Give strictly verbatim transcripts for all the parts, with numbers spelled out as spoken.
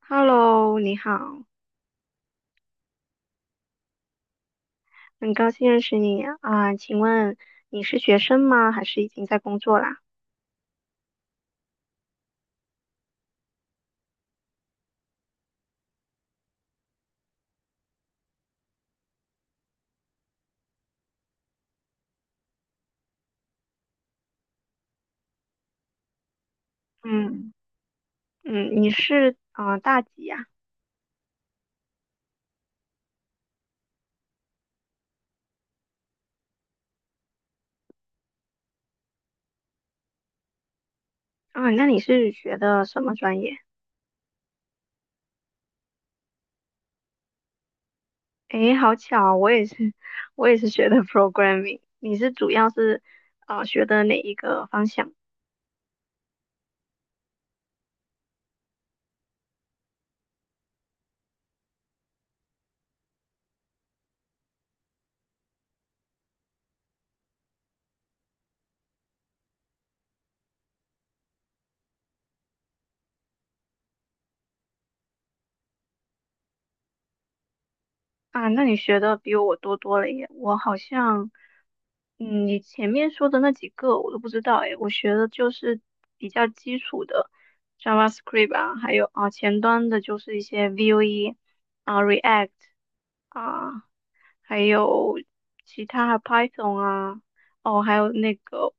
Hello，你好，很高兴认识你啊，啊请问你是学生吗？还是已经在工作啦？嗯，嗯，你是啊、呃大几呀？啊，那你是学的什么专业？诶，好巧啊，我也是，我也是学的 programming。你是主要是啊、呃学的哪一个方向？啊，那你学的比我多多了耶！我好像，嗯，你前面说的那几个我都不知道诶，我学的就是比较基础的 JavaScript 啊，还有啊前端的就是一些 Vue 啊 React 啊，还有其他还 Python 啊，哦，还有那个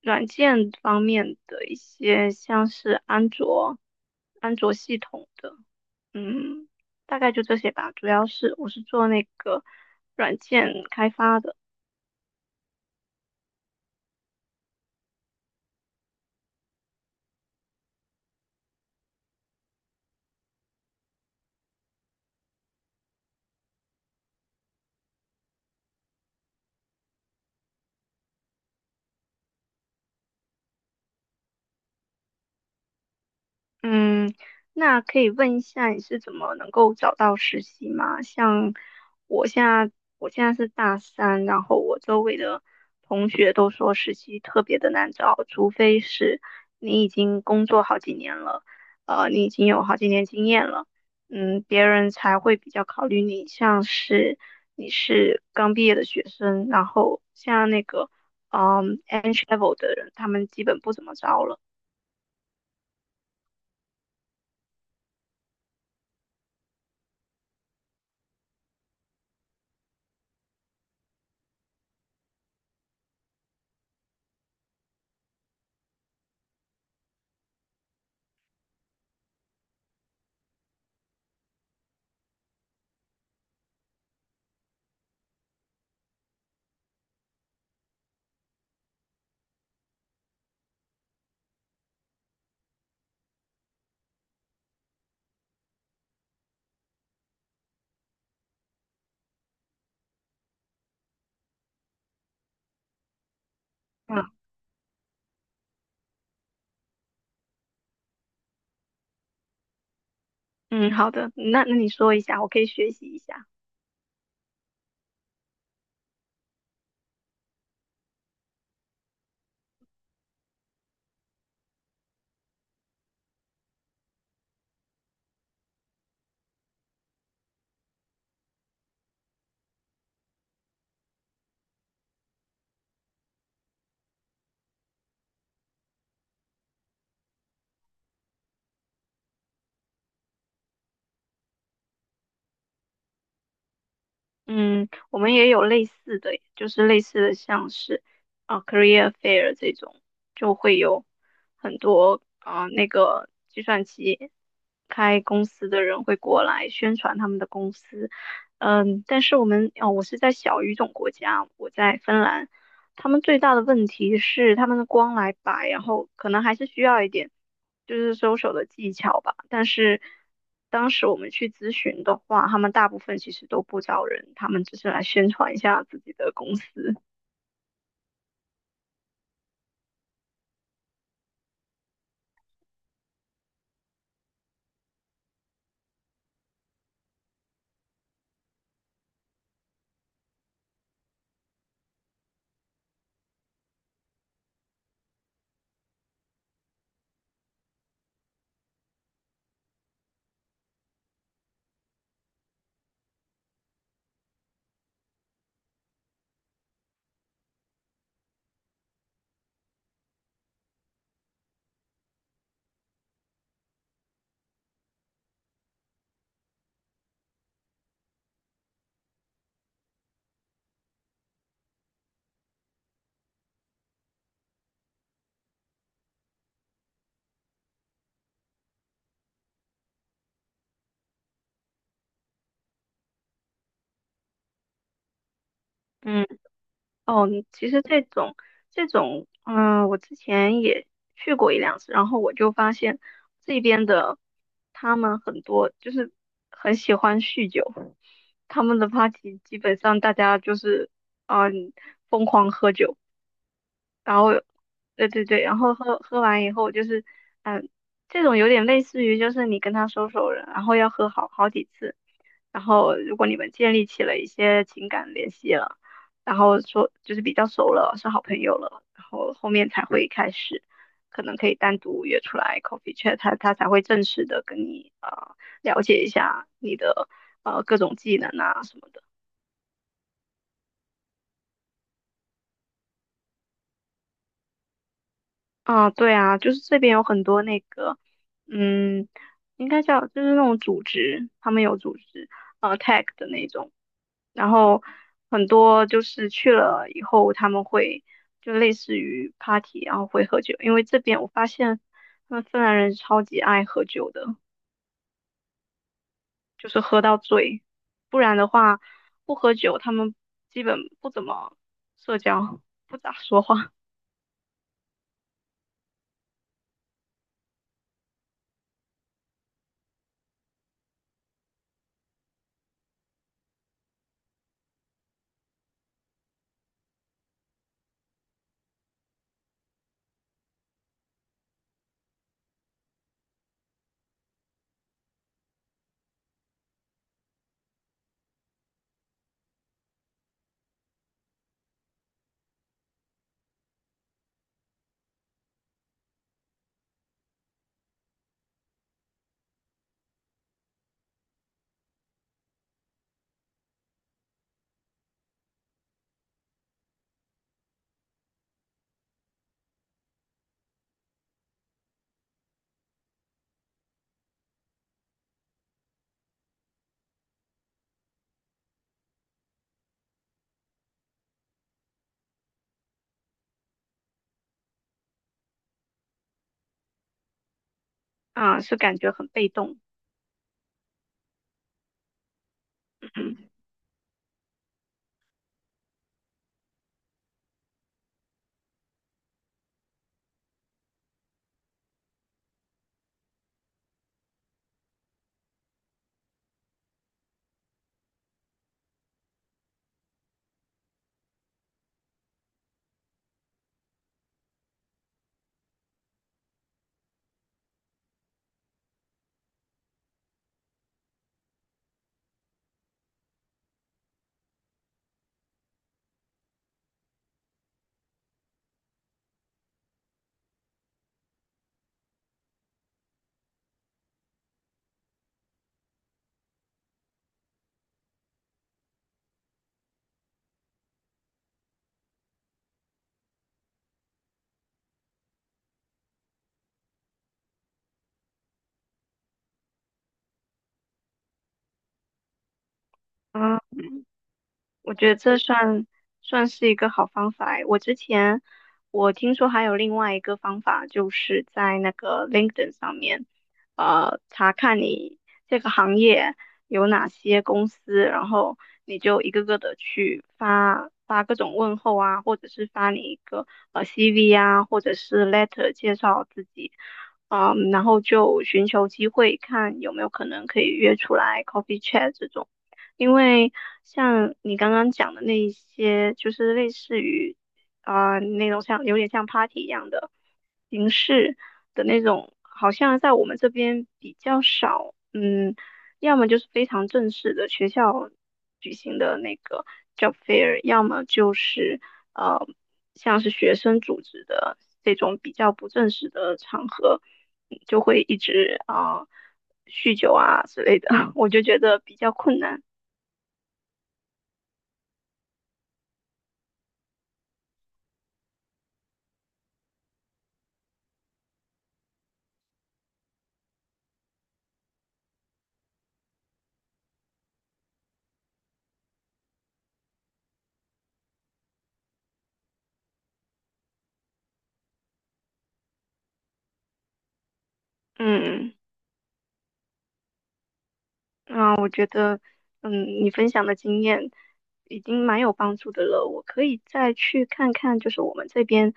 软件方面的一些，像是安卓安卓系统的。嗯，大概就这些吧。主要是我是做那个软件开发的。嗯，那可以问一下你是怎么能够找到实习吗？像我现在，我现在是大三，然后我周围的同学都说实习特别的难找，除非是你已经工作好几年了，呃，你已经有好几年经验了，嗯，别人才会比较考虑你。像是你是刚毕业的学生，然后像那个嗯 entry level 的人，他们基本不怎么招了。嗯。嗯，好的，那那你说一下，我可以学习一下。嗯，我们也有类似的，就是类似的，像是啊、呃 career fair 这种，就会有很多啊、呃那个计算机开公司的人会过来宣传他们的公司。嗯，但是我们哦，我是在小语种国家，我在芬兰，他们最大的问题是他们的光来白，然后可能还是需要一点就是收手的技巧吧。但是当时我们去咨询的话，他们大部分其实都不招人，他们只是来宣传一下自己的公司。嗯。哦，其实这种这种，嗯、我之前也去过一两次，然后我就发现这边的他们很多就是很喜欢酗酒，他们的 party 基本上大家就是嗯、疯狂喝酒，然后，对对对，然后喝喝完以后就是，嗯，这种有点类似于就是你跟他熟熟了，然后要喝好好几次，然后如果你们建立起了一些情感联系了，然后说就是比较熟了，是好朋友了，然后后面才会开始，可能可以单独约出来 coffee chat，他他才会正式的跟你呃了解一下你的呃各种技能啊什么的。啊，对啊，就是这边有很多那个，嗯，应该叫就是那种组织，他们有组织，呃，tag 的那种，然后很多就是去了以后，他们会就类似于 party，然后会喝酒，因为这边我发现他们芬兰人超级爱喝酒的，就是喝到醉，不然的话不喝酒，他们基本不怎么社交，不咋说话，啊，是感觉很被动。嗯我觉得这算算是一个好方法诶。我之前我听说还有另外一个方法，就是在那个 LinkedIn 上面，呃，查看你这个行业有哪些公司，然后你就一个个的去发发各种问候啊，或者是发你一个呃 C V 啊，或者是 letter 介绍自己，嗯，然后就寻求机会，看有没有可能可以约出来 coffee chat 这种。因为像你刚刚讲的那一些，就是类似于啊、那种像有点像 party 一样的形式的那种，好像在我们这边比较少。嗯，要么就是非常正式的学校举行的那个 job fair，要么就是呃像是学生组织的这种比较不正式的场合，嗯就会一直啊、酗酒啊之类的，我就觉得比较困难。嗯，那我觉得，嗯，你分享的经验已经蛮有帮助的了。我可以再去看看，就是我们这边，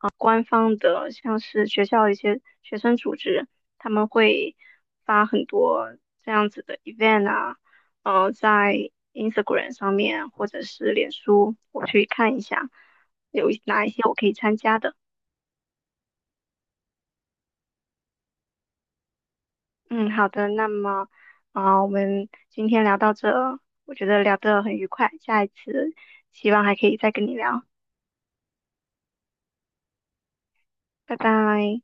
呃，官方的，像是学校一些学生组织，他们会发很多这样子的 event 啊，呃，在 Instagram 上面或者是脸书，我去看一下有哪一些我可以参加的。嗯，好的，那么啊、我们今天聊到这，我觉得聊得很愉快，下一次希望还可以再跟你聊，拜拜。